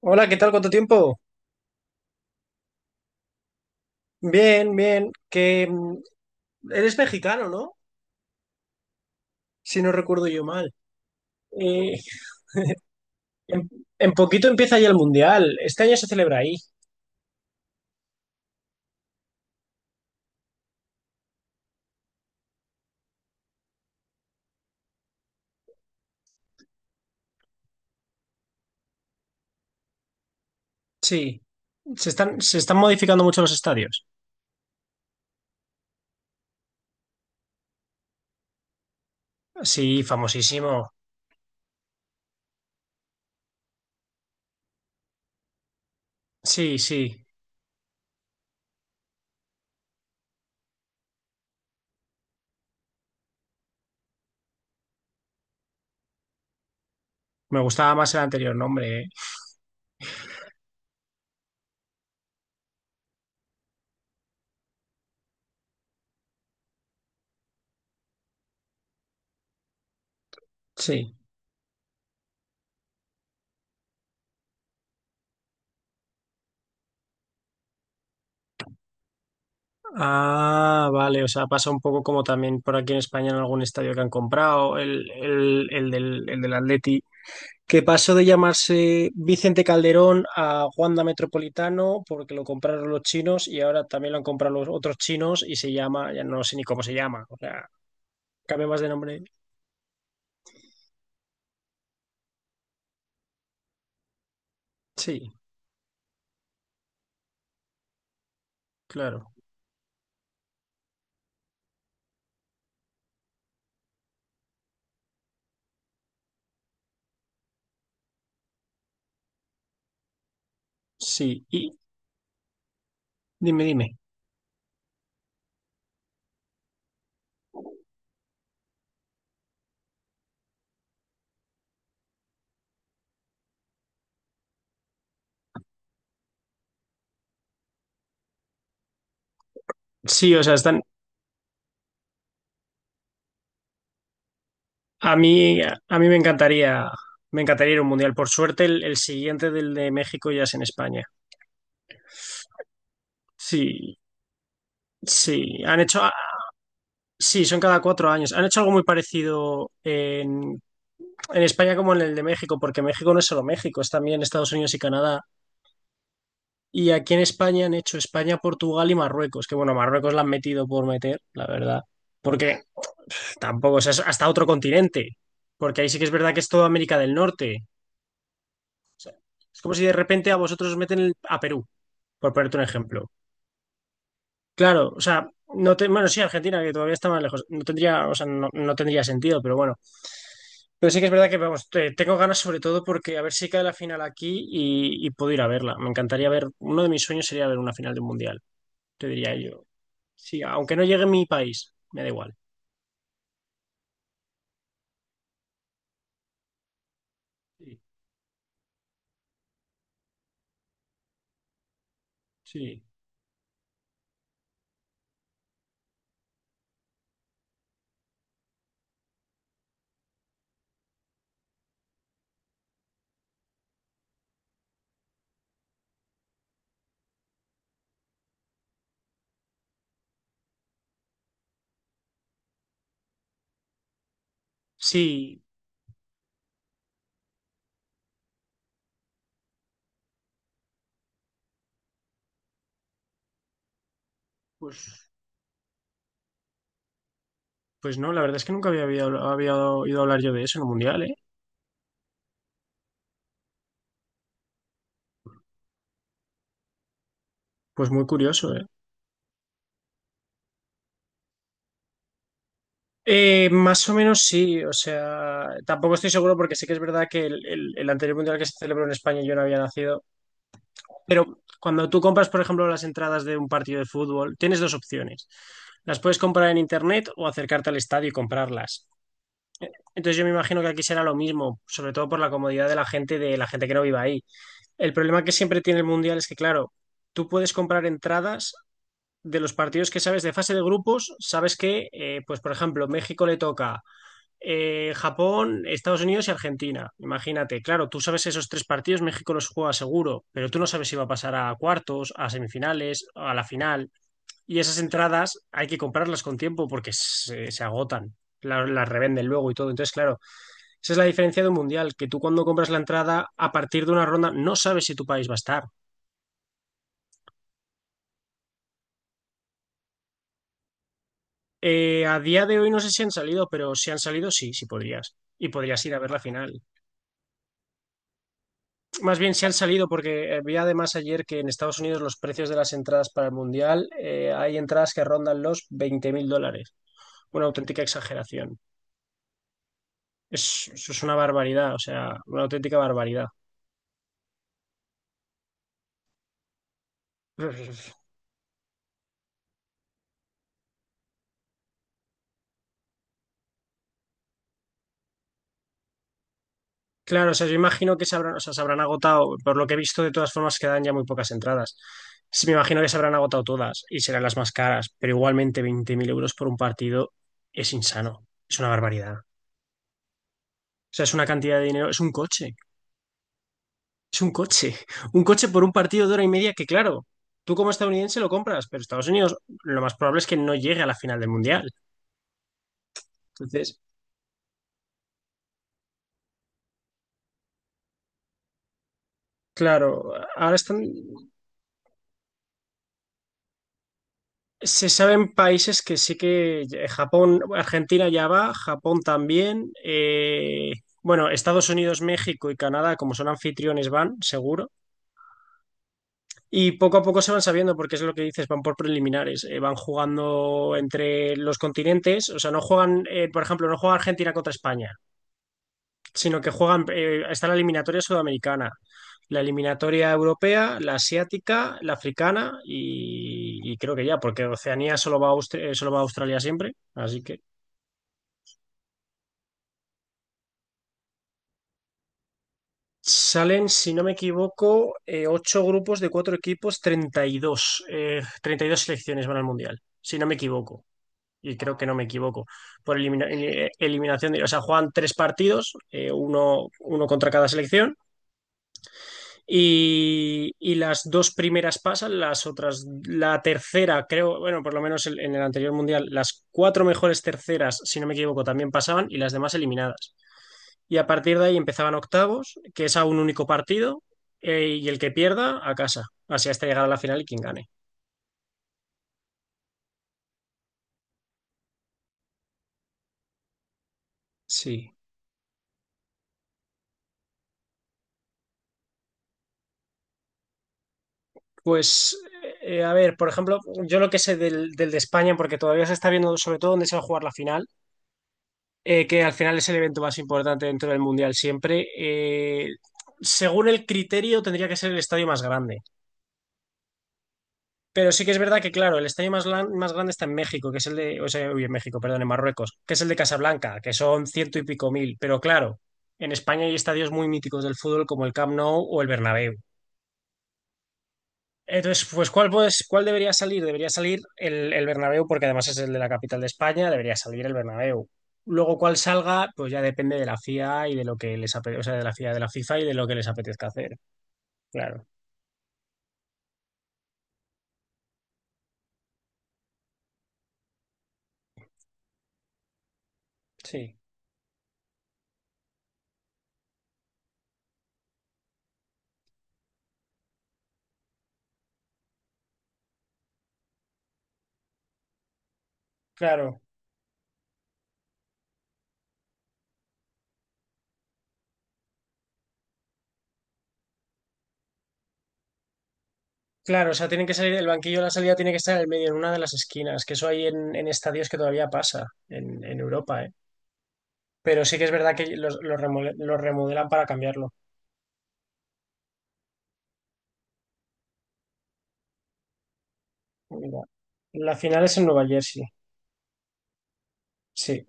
Hola, ¿qué tal? ¿Cuánto tiempo? Bien, bien. Que eres mexicano, ¿no? Si no recuerdo yo mal. Eh, en, en poquito empieza ya el Mundial. Este año se celebra ahí. Sí, se están modificando mucho los estadios. Sí, famosísimo. Sí, sí. Me gustaba más el anterior nombre, ¿eh? Sí. Ah, vale. O sea, pasa un poco como también por aquí en España en algún estadio que han comprado. El del Atleti que pasó de llamarse Vicente Calderón a Wanda Metropolitano porque lo compraron los chinos y ahora también lo han comprado los otros chinos y se llama, ya no sé ni cómo se llama, o sea, cambia más de nombre. Sí, claro, sí. Y dime, dime. Sí, o sea, están, a mí me encantaría ir a un mundial. Por suerte, el siguiente del de México ya es en España. Sí, sí, han hecho, sí, son cada 4 años. Han hecho algo muy parecido en España como en el de México, porque México no es solo México, es también Estados Unidos y Canadá. Y aquí en España han hecho España, Portugal y Marruecos, que bueno, Marruecos la han metido por meter, la verdad, porque tampoco, o sea, es hasta otro continente, porque ahí sí que es verdad que es toda América del Norte. Es como si de repente a vosotros os meten a Perú, por ponerte un ejemplo. Claro, o sea, no te, bueno, sí, Argentina, que todavía está más lejos, no tendría, o sea, no, no tendría sentido, pero bueno, pero sí que es verdad que, vamos, tengo ganas sobre todo porque a ver si cae la final aquí y puedo ir a verla. Me encantaría ver, uno de mis sueños sería ver una final de un mundial, te diría yo. Sí, aunque no llegue a mi país, me da igual. Sí, sí, sí, pues, pues no, la verdad es que nunca había oído hablar yo de eso en un mundial, ¿eh? Pues muy curioso, ¿eh? Más o menos sí, o sea, tampoco estoy seguro porque sí que es verdad que el anterior mundial que se celebró en España yo no había nacido. Pero cuando tú compras, por ejemplo, las entradas de un partido de fútbol, tienes dos opciones. Las puedes comprar en internet o acercarte al estadio y comprarlas. Entonces yo me imagino que aquí será lo mismo, sobre todo por la comodidad de la gente que no viva ahí. El problema que siempre tiene el Mundial es que, claro, tú puedes comprar entradas de los partidos que sabes de fase de grupos, sabes que, pues por ejemplo, México le toca Japón, Estados Unidos y Argentina. Imagínate, claro, tú sabes esos tres partidos, México los juega seguro, pero tú no sabes si va a pasar a cuartos, a semifinales, a la final. Y esas entradas hay que comprarlas con tiempo porque se agotan. Las revenden luego y todo. Entonces, claro, esa es la diferencia de un mundial, que tú cuando compras la entrada, a partir de una ronda, no sabes si tu país va a estar. A día de hoy no sé si han salido, pero si han salido, sí, sí podrías. Y podrías ir a ver la final. Más bien se han salido porque vi además ayer que en Estados Unidos los precios de las entradas para el Mundial, hay entradas que rondan los 20.000 dólares. Una auténtica exageración. Eso es una barbaridad, o sea, una auténtica barbaridad. Claro, o sea, yo imagino que se habrán, o sea, se habrán agotado, por lo que he visto, de todas formas quedan ya muy pocas entradas. Sí, me imagino que se habrán agotado todas y serán las más caras, pero igualmente 20.000 euros por un partido es insano, es una barbaridad. O sea, es una cantidad de dinero, es un coche. Es un coche. Un coche por un partido de hora y media que, claro, tú como estadounidense lo compras, pero Estados Unidos lo más probable es que no llegue a la final del Mundial. Entonces, claro, ahora están... Se saben países que sí que... Japón, Argentina ya va, Japón también. Bueno, Estados Unidos, México y Canadá, como son anfitriones, van, seguro. Y poco a poco se van sabiendo, porque es lo que dices, van por preliminares, van jugando entre los continentes, o sea, no juegan, por ejemplo, no juega Argentina contra España, sino que juegan, está la eliminatoria sudamericana, la eliminatoria europea, la asiática, la africana y creo que ya, porque Oceanía solo va a, solo va a Australia siempre, así que salen, si no me equivoco, ocho grupos de cuatro equipos, 32, 32 selecciones van al Mundial, si no me equivoco. Y creo que no me equivoco. Por eliminación, o sea, juegan tres partidos, uno contra cada selección. Y las dos primeras pasan, las otras, la tercera, creo, bueno, por lo menos en, el anterior mundial, las cuatro mejores terceras, si no me equivoco, también pasaban y las demás eliminadas. Y a partir de ahí empezaban octavos, que es a un único partido, y el que pierda, a casa. Así hasta llegar a la final y quien gane. Sí. Pues, a ver, por ejemplo, yo lo que sé del de España, porque todavía se está viendo sobre todo dónde se va a jugar la final. Que al final es el evento más importante dentro del Mundial siempre. Según el criterio, tendría que ser el estadio más grande. Pero sí que es verdad que, claro, el estadio más grande está en México, que es el de, o sea, uy, en México, perdón, en Marruecos, que es el de Casablanca, que son ciento y pico mil. Pero claro, en España hay estadios muy míticos del fútbol como el Camp Nou o el Bernabéu. Entonces, pues, cuál debería salir? Debería salir el Bernabéu, porque además es el de la capital de España, debería salir el Bernabéu. Luego, cuál salga, pues ya depende de la FIA y de lo que les apetezca, o sea, de la FIA, de la FIFA y de lo que les apetezca hacer. Claro, sí, claro, claro, o sea, tienen que salir, el banquillo de la salida tiene que estar en el medio, en una de las esquinas, que eso hay en, estadios que todavía pasa en Europa, ¿eh? Pero sí que es verdad que los remodelan para cambiarlo. Mira, la final es en Nueva Jersey, sí.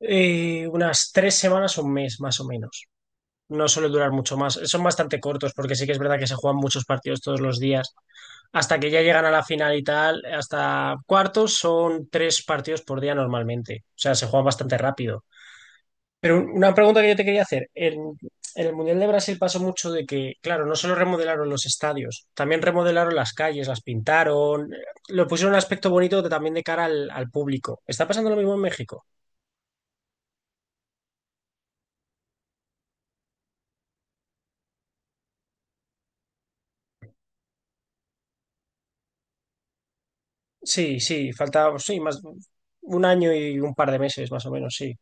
Unas 3 semanas o un mes, más o menos. No suele durar mucho más. Son bastante cortos porque sí que es verdad que se juegan muchos partidos todos los días. Hasta que ya llegan a la final y tal, hasta cuartos son tres partidos por día normalmente. O sea, se juega bastante rápido. Pero una pregunta que yo te quería hacer. En el Mundial de Brasil pasó mucho de que, claro, no solo remodelaron los estadios, también remodelaron las calles, las pintaron, lo pusieron un aspecto bonito también de cara al público. ¿Está pasando lo mismo en México? Sí, sí, falta, sí, más un año y un par de meses, más o menos, sí.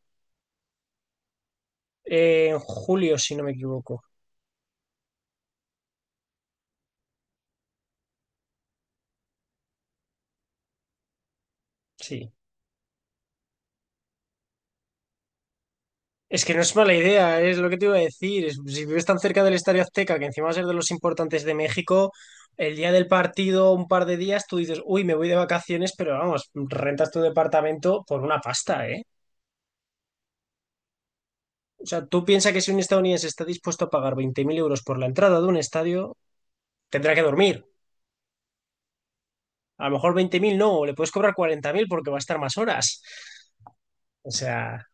En julio, si no me equivoco. Sí. Es que no es mala idea, es lo que te iba a decir. Si vives tan cerca del Estadio Azteca, que encima va a ser de los importantes de México, el día del partido, un par de días, tú dices, uy, me voy de vacaciones, pero vamos, rentas tu departamento por una pasta, ¿eh? O sea, tú piensas que si un estadounidense está dispuesto a pagar 20.000 euros por la entrada de un estadio, tendrá que dormir. A lo mejor 20.000 no, o le puedes cobrar 40.000 porque va a estar más horas. O sea,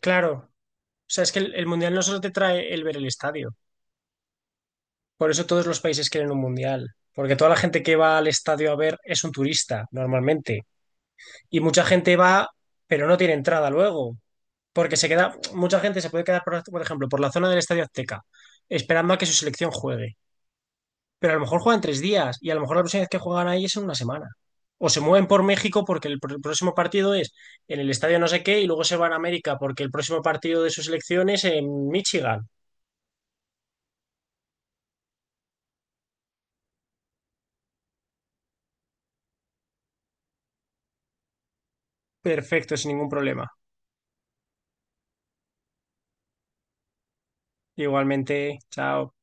claro. O sea, es que el mundial no solo te trae el ver el estadio. Por eso todos los países quieren un mundial. Porque toda la gente que va al estadio a ver es un turista, normalmente. Y mucha gente va, pero no tiene entrada luego. Porque se queda, mucha gente se puede quedar, por ejemplo, por la zona del Estadio Azteca, esperando a que su selección juegue. Pero a lo mejor juegan tres días y a lo mejor la próxima vez que juegan ahí es en una semana. O se mueven por México porque el próximo partido es en el estadio no sé qué y luego se van a América porque el próximo partido de su selección es en Michigan. Perfecto, sin ningún problema. Igualmente, chao.